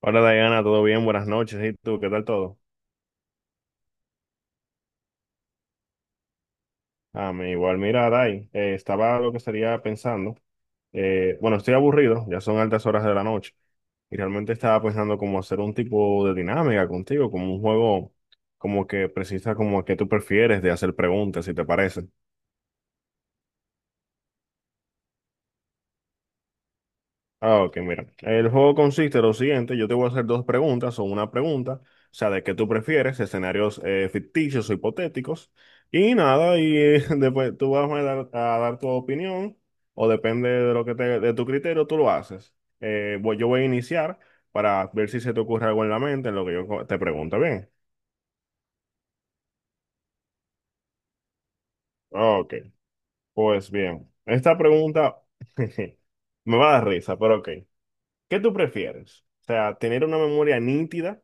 Hola Diana, ¿todo bien? Buenas noches. ¿Y tú? ¿Qué tal todo? Ah, me igual, mira, Dai, estaba lo que estaría pensando. Bueno, Estoy aburrido, ya son altas horas de la noche. Y realmente estaba pensando como hacer un tipo de dinámica contigo, como un juego como que precisa como que tú prefieres de hacer preguntas, si te parece. Ah, ok, mira. El juego consiste en lo siguiente, yo te voy a hacer dos preguntas o una pregunta, o sea, de qué tú prefieres, escenarios ficticios o hipotéticos, y nada, y después tú vas a dar tu opinión, o depende de lo que te, de tu criterio, tú lo haces. Yo voy a iniciar para ver si se te ocurre algo en la mente en lo que te pregunto, ¿bien? Ok, pues bien, esta pregunta me va a dar risa, pero ok. ¿Qué tú prefieres? O sea, tener una memoria nítida,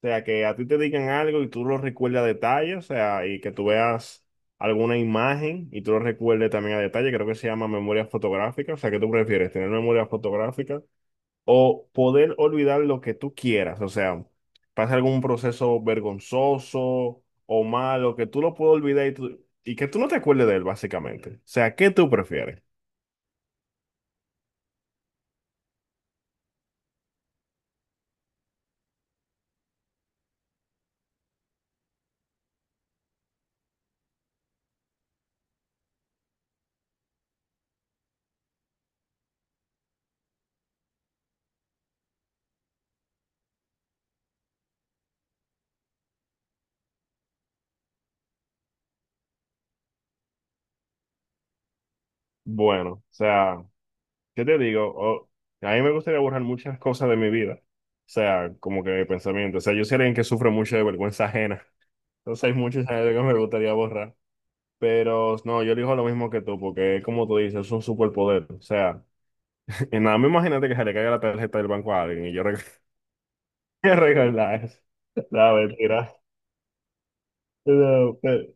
o sea, que a ti te digan algo y tú lo recuerdes a detalle, o sea, y que tú veas alguna imagen y tú lo recuerdes también a detalle, creo que se llama memoria fotográfica, o sea, ¿qué tú prefieres? ¿Tener memoria fotográfica o poder olvidar lo que tú quieras? O sea, pasa algún proceso vergonzoso o malo, que tú lo puedas olvidar y que tú no te acuerdes de él, básicamente. O sea, ¿qué tú prefieres? Bueno, o sea... ¿Qué te digo? A mí me gustaría borrar muchas cosas de mi vida. O sea, como que de pensamiento. O sea, yo soy alguien que sufre mucho de vergüenza ajena. Entonces hay muchas cosas que me gustaría borrar. Pero no, yo digo lo mismo que tú, porque es como tú dices, es un superpoder. O sea, y nada más imagínate que se le caiga la tarjeta del banco a alguien y regalar eso. La mentira. No, pero- eh,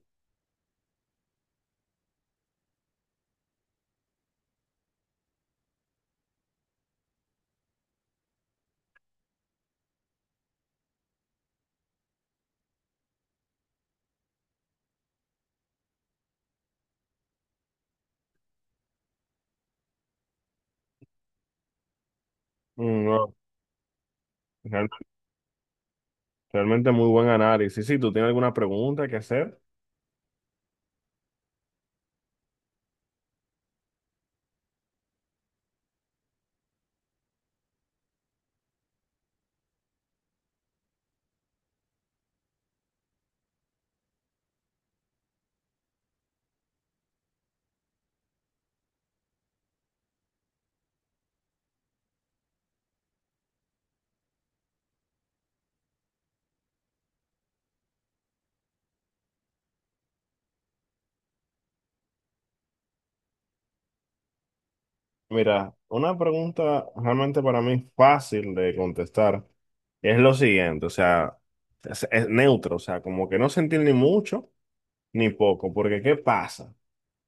mm, no, realmente, realmente muy buen análisis. Sí, ¿tú tienes alguna pregunta que hacer? Mira, una pregunta realmente para mí fácil de contestar es lo siguiente, o sea, es neutro, o sea, como que no sentir ni mucho ni poco, porque ¿qué pasa?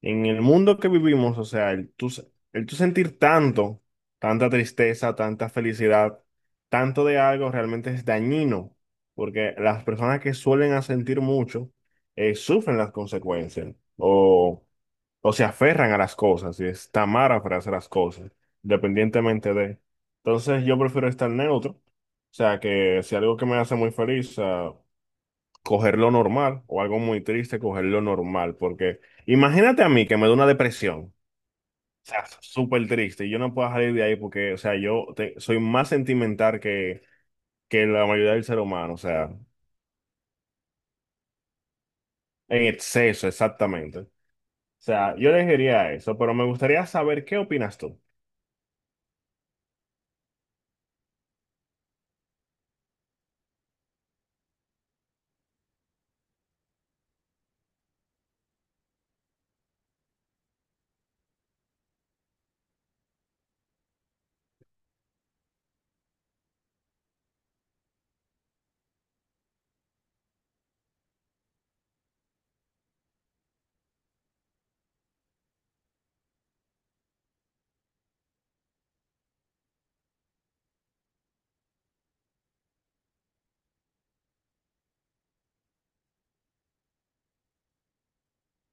En el mundo que vivimos, o sea, el tú sentir tanto, tanta tristeza, tanta felicidad, tanto de algo realmente es dañino, porque las personas que suelen a sentir mucho sufren las consecuencias o se aferran a las cosas y están mal para hacer las cosas, independientemente de. Entonces yo prefiero estar neutro, o sea que si algo que me hace muy feliz, ah, coger lo normal o algo muy triste, coger lo normal, porque imagínate a mí que me da una depresión, o sea, súper triste y yo no puedo salir de ahí porque, o sea, soy más sentimental que la mayoría del ser humano, o sea, en exceso, exactamente. O sea, yo elegiría eso, pero me gustaría saber qué opinas tú.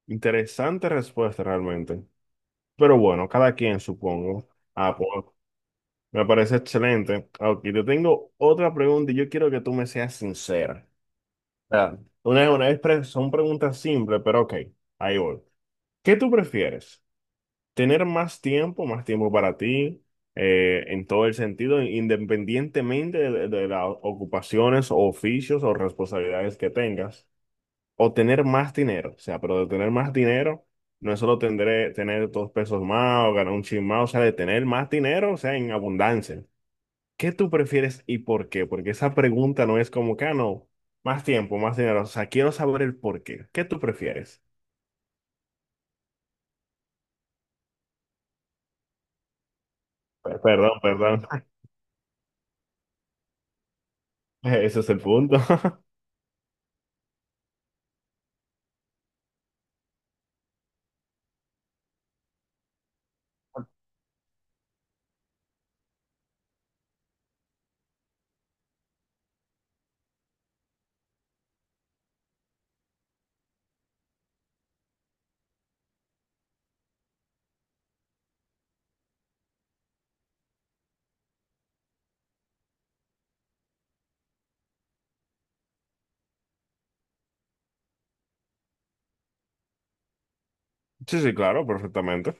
Interesante respuesta realmente. Pero bueno, cada quien supongo. Ah, pues me parece excelente. Ok, yo tengo otra pregunta y yo quiero que tú me seas sincera. O sea, una vez son preguntas simples, pero ok, ahí voy. ¿Qué tú prefieres? ¿Tener más tiempo para ti, en todo el sentido, independientemente de las ocupaciones o oficios o responsabilidades que tengas? O tener más dinero. O sea, pero de tener más dinero no es solo tendré, tener dos pesos más o ganar un chin más, o sea, de tener más dinero, o sea, en abundancia. ¿Qué tú prefieres y por qué? Porque esa pregunta no es como que, ah, no, más tiempo, más dinero. O sea, quiero saber el por qué. ¿Qué tú prefieres? Perdón, perdón. Ese es el punto. Sí, sí, claro, perfectamente.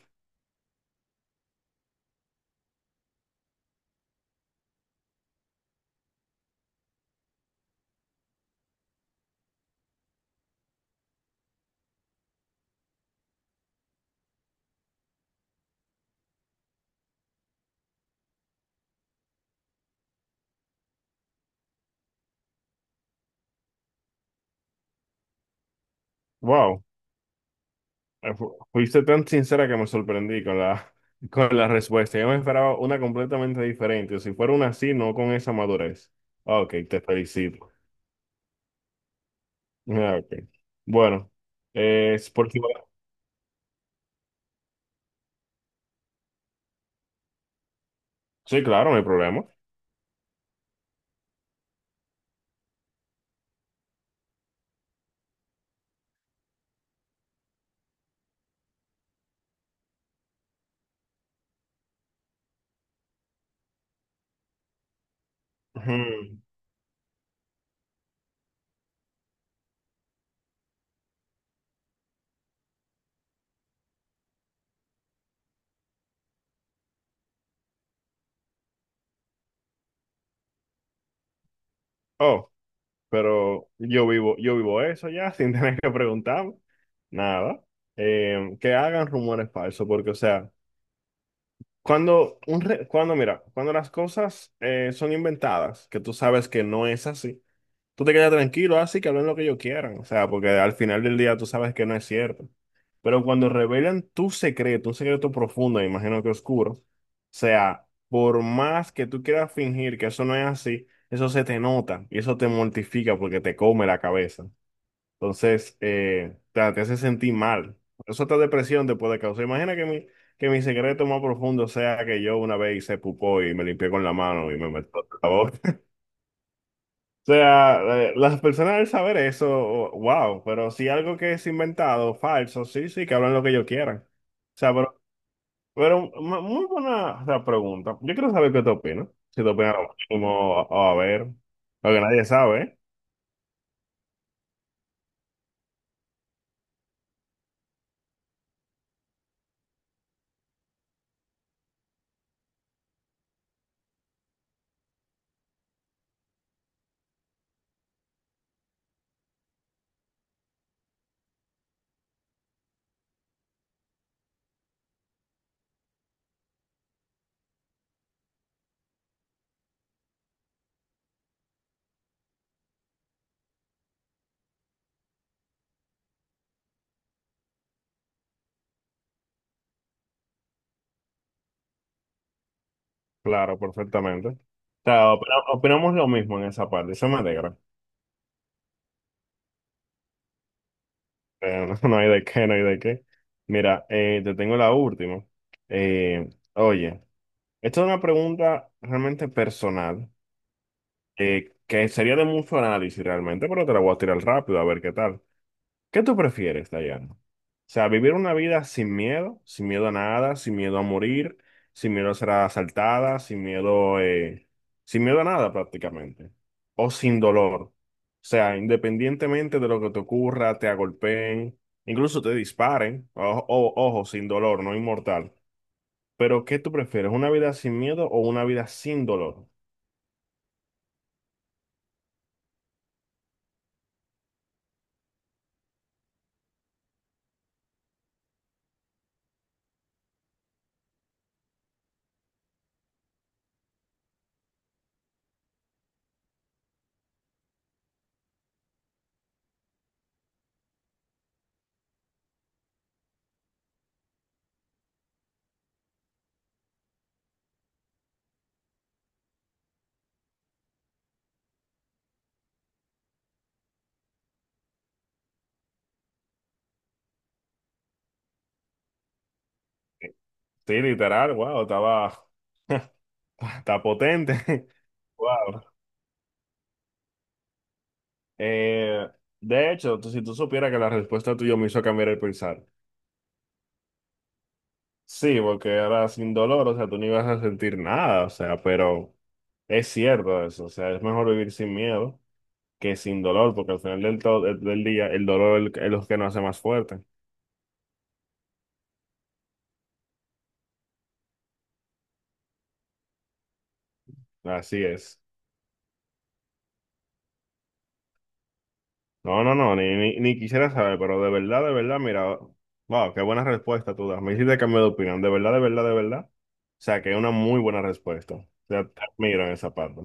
Wow. Fuiste tan sincera que me sorprendí con la, con la respuesta. Yo me esperaba una completamente diferente. Si fuera una así, no con esa madurez. Ah, ok, te felicito. Ah, ok. Bueno, es por si- Sí, claro, no hay problema. Ujú. Oh, pero yo vivo eso ya, sin tener que preguntarme. Nada. Que hagan rumores falsos, porque, o sea, cuando, un re- cuando, mira, cuando las cosas son inventadas, que tú sabes que no es así. Tú te quedas tranquilo, así que hablen lo que ellos quieran, o sea, porque al final del día tú sabes que no es cierto. Pero cuando revelan tu secreto, un secreto profundo, me imagino que oscuro, o sea, por más que tú quieras fingir que eso no es así, eso se te nota y eso te mortifica porque te come la cabeza. Entonces, te hace sentir mal. Eso otra depresión te puede causar. Imagina que mi secreto más profundo sea que yo una vez hice pupó y me limpié con la mano y me metí la boca. O sea, las personas al saber eso, wow, pero si algo que es inventado, falso, sí, sí, que hablan lo que ellos quieran. O sea, pero muy buena, o sea, pregunta. Yo quiero saber qué te opinas. Si te opinas lo mismo o a ver, porque nadie sabe, ¿eh? Claro, perfectamente. O sea, opinamos lo mismo en esa parte, eso me alegra. No, no hay de qué, no hay de qué. Mira, te tengo la última. Eh, oye, esto es una pregunta realmente personal. Que sería de mucho análisis realmente, pero te la voy a tirar rápido a ver qué tal. ¿Qué tú prefieres, Dayana? O sea, vivir una vida sin miedo, sin miedo a nada, sin miedo a morir, sin miedo a ser asaltada, sin miedo a nada prácticamente, o sin dolor. O sea, independientemente de lo que te ocurra, te agolpeen, incluso te disparen, ojo, sin dolor, no inmortal. Pero ¿qué tú prefieres? ¿Una vida sin miedo o una vida sin dolor? Sí, literal, está potente. Wow. Eh, si tú supieras que la respuesta tuya me hizo cambiar el pensar. Sí, porque era sin dolor, o sea, tú no ibas a sentir nada, o sea, pero es cierto eso, o sea, es mejor vivir sin miedo que sin dolor, porque al final del día el dolor es es lo que nos hace más fuerte. Así es. No, no, no, ni, ni, ni quisiera saber, pero de verdad, mira, wow, qué buena respuesta tú das. Me hiciste cambiar de opinión, de verdad, de verdad, de verdad. O sea, que es una muy buena respuesta. O sea, te admiro en esa parte.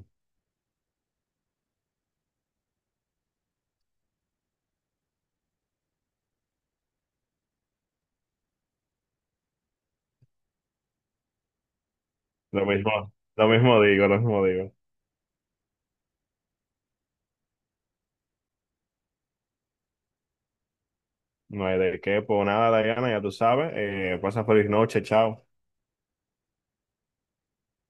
Lo mismo, lo mismo digo, lo mismo digo. No hay de qué, pues nada, Diana, ya tú sabes. Pasa feliz noche, chao.